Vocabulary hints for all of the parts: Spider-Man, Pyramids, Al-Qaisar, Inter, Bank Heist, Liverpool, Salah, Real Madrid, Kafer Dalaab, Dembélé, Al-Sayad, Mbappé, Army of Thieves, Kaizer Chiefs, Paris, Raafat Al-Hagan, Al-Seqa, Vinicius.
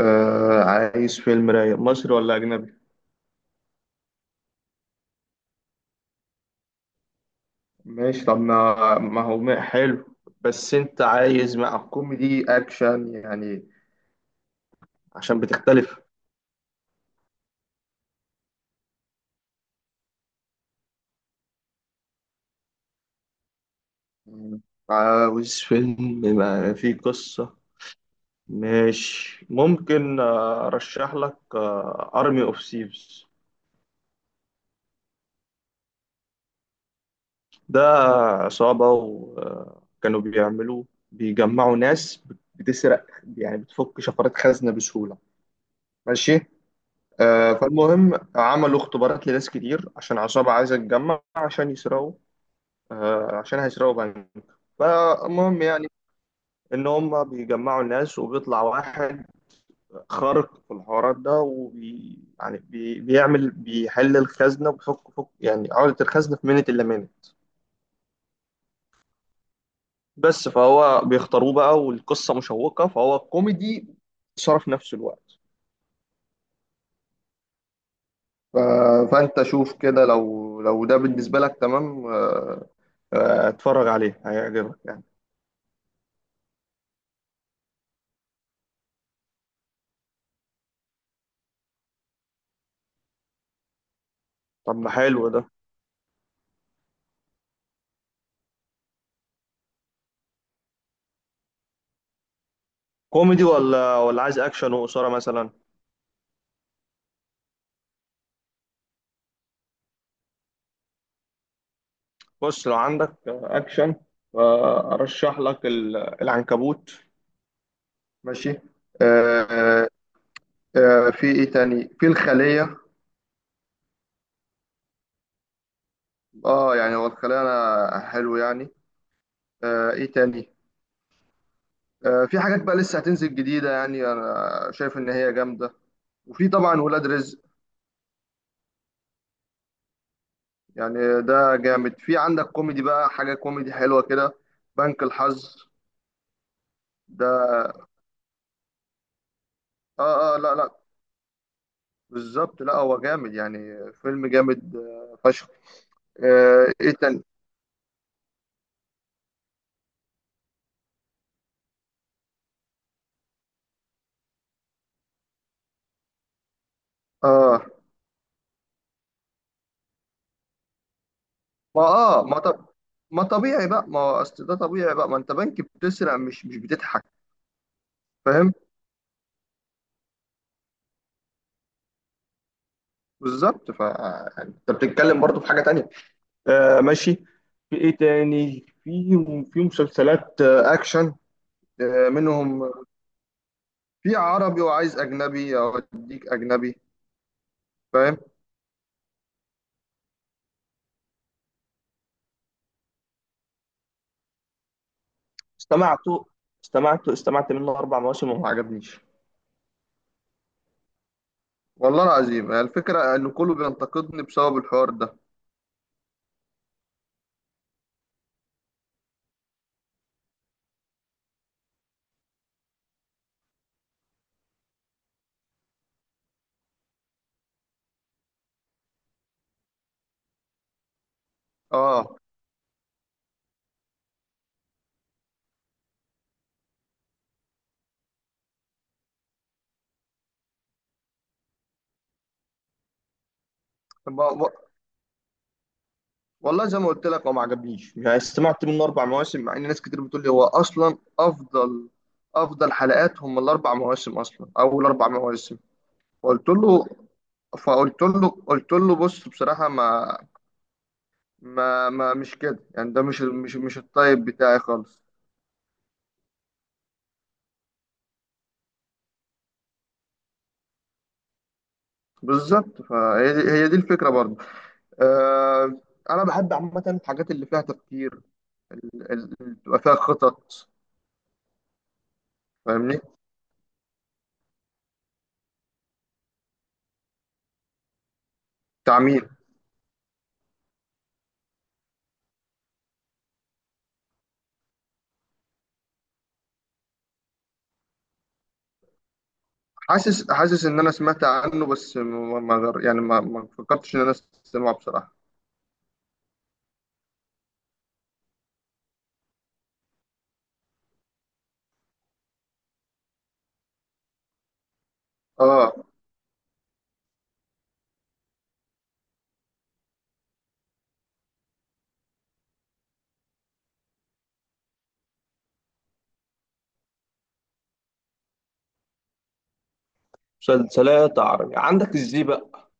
آه، عايز فيلم رايق مصري ولا أجنبي؟ ماشي، طب ما هو حلو. بس أنت عايز مع كوميدي أكشن يعني، عشان بتختلف. مم. عاوز فيلم ما فيه قصة. ماشي، ممكن، أرشح لك أرمي أوف سيفز. ده عصابة وكانوا بيعملوا، بيجمعوا ناس بتسرق، يعني بتفك شفرات خزنة بسهولة. ماشي. فالمهم عملوا اختبارات لناس كتير عشان عصابة عايزة تتجمع عشان يسرقوا، عشان هيسرقوا بنك. فالمهم يعني إن هم بيجمعوا الناس وبيطلع واحد خارق في الحوارات ده، بيحل الخزنة، وبيفك يعني عقدة الخزنة في منت إلا منت. بس فهو بيختاروه بقى، والقصة مشوقة، فهو كوميدي صرف نفس الوقت. ف- فانت شوف كده، لو ده بالنسبه لك تمام، اتفرج عليه هيعجبك يعني. طب ما حلو ده. كوميدي ولا عايز اكشن وقصيره مثلا؟ بص، لو عندك اكشن، ارشح لك العنكبوت. ماشي. آه، آه، في ايه تاني؟ في الخليه. اه، يعني هو الخليه انا حلو يعني. ايه تاني؟ في حاجات بقى لسه هتنزل جديده، يعني انا شايف ان هي جامده. وفي طبعا ولاد رزق. يعني ده جامد. في عندك كوميدي بقى، حاجة كوميدي حلوة كده، بنك الحظ. ده اه، اه، لا، لا، بالظبط. لا، هو جامد يعني، فيلم جامد فشخ. ايه تاني؟ اه، ما طب، ما طبيعي بقى، ما هو اصل ده طبيعي بقى، ما انت بنك بتسرق، مش بتضحك. فاهم، بالظبط. ف يعني انت بتتكلم برضو في حاجة تانية. ماشي، في ايه تاني؟ في مسلسلات اكشن منهم. في عربي، وعايز أجنبي أوديك أجنبي. فاهم. استمعت استمعت منه أربع مواسم وما عجبنيش. والله العظيم الفكرة إن كله بينتقدني بسبب الحوار ده. آه ب- ب- والله زي ما قلت لك، هو ما عجبنيش يعني. استمعت منه أربع مواسم، مع إن ناس كتير بتقول لي هو أصلا أفضل، أفضل حلقات هم الأربع مواسم، أصلا أول أربع مواسم. قلت له قلت له بص، بصراحة ما مش كده يعني. ده مش الطيب بتاعي خالص. بالظبط، فهي دي هي دي الفكره برضه. آه انا بحب عامه الحاجات اللي فيها تفكير، ال- ال- اللي بتبقى فيها خطط. فاهمني. تعميم. حاسس ان انا سمعت عنه، بس ما غير يعني، ما فكرتش ان انا اسمعه بصراحه. اه. مسلسلات عربي عندك ازاي بقى؟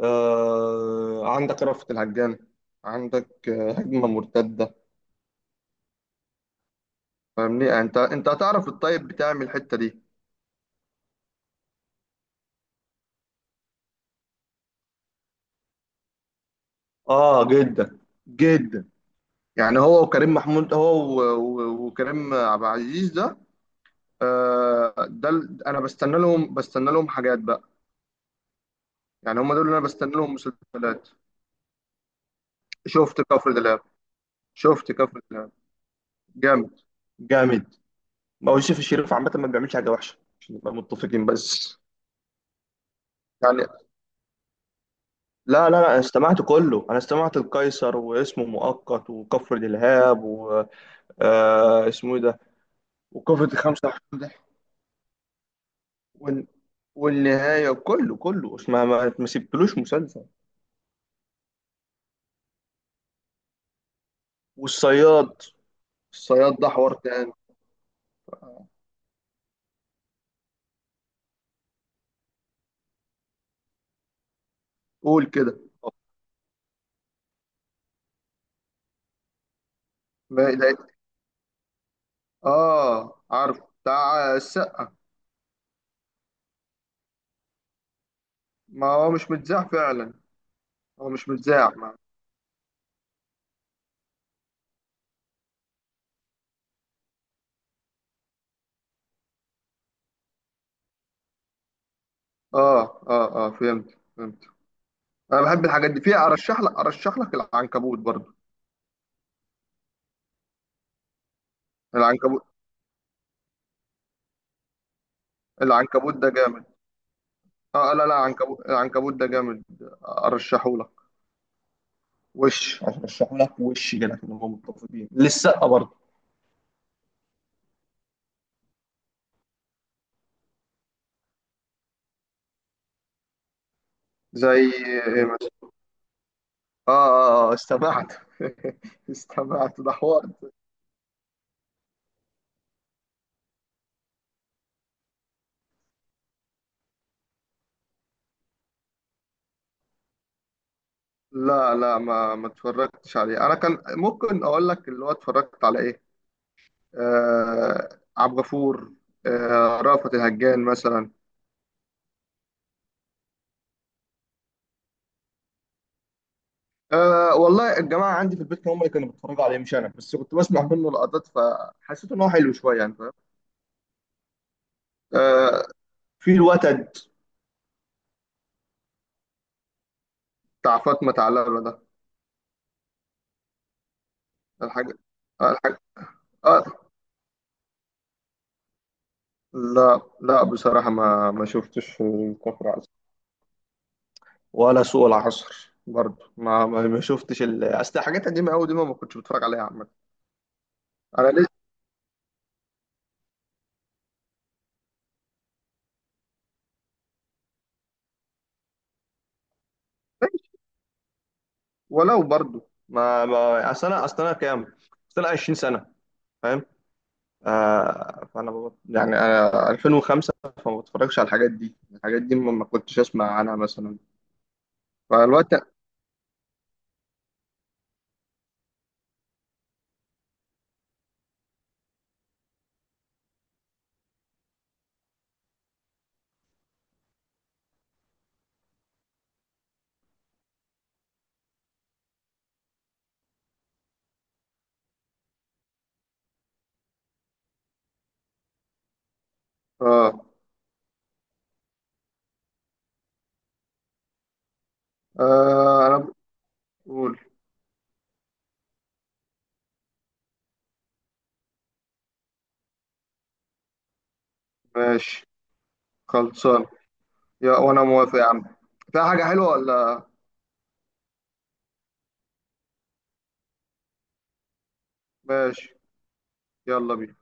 عندك رأفت الهجان، عندك هجمه مرتده. فاهمني، انت هتعرف الطيب بتاعي من الحته دي. اه، جدا، جدا. يعني هو وكريم محمود، وكريم عبد العزيز ده. ده انا بستنى لهم، حاجات بقى. يعني هم دول اللي انا بستنى لهم مسلسلات. شفت كفر دلاب، شفت كفر دلاب، جامد، جامد. ما هو يوسف الشريف عامه ما بيعملش حاجه وحشه عشان نبقى متفقين بس. يعني لا، لا، لا، انا استمعت كله. انا استمعت القيصر واسمه مؤقت وكفر دلهاب و اسمه ايه ده، وكفر خمسة وعشرين. وال... والنهاية، كله، كله اسمع، ما سبتلوش مسلسل. والصياد. الصياد ده حوار تاني. قول كده. ما ده اه، عارف، بتاع السقة. ما هو مش متذاع فعلا، هو مش متذاع ما. اه، اه، اه، فهمت، فهمت. انا بحب الحاجات دي، في ارشح لك، العنكبوت برضو. العنكبوت، العنكبوت ده جامد. اه، لا، لا، عنكبوت، العنكبوت ده جامد، ارشحه لك. وش ارشحه لك، وش كده، كده نبقى متفقين، للسقة برضو. زي، اه، اه، استمعت. استمعت، ده حوار. لا، لا، ما ما اتفرجتش عليه انا. كان ممكن اقول لك اللي هو اتفرجت على ايه. آه عبد الغفور، رأفت الهجان مثلا. والله الجماعه عندي في البيت هم اللي كانوا بيتفرجوا عليه، مش انا، بس كنت بسمع منه لقطات فحسيت ان هو حلو شويه يعني، فاهم. آه في الوتد، بتاع فاطمه علبه ده. الحاجه، الحاجه. آه لا، لا، بصراحه ما ما شفتش الكفر. ولا سوق العصر برضه، ما شفتش اصل حاجات قديمه قوي دي، ما ما كنتش بتفرج عليها عامه. انا لسه. ولو برضه، ما ما اصل انا، كام، اصل انا 20 سنة سنه، فاهم. فانا يعني انا 2005. فما بتفرجش على الحاجات دي، الحاجات دي ما ما كنتش اسمع عنها مثلا، فالوقت. اه, انا بقول، ماشي. خلصان، يا، وانا موافق يا عم. في حاجه حلوه ولا؟ ماشي. يلا بينا.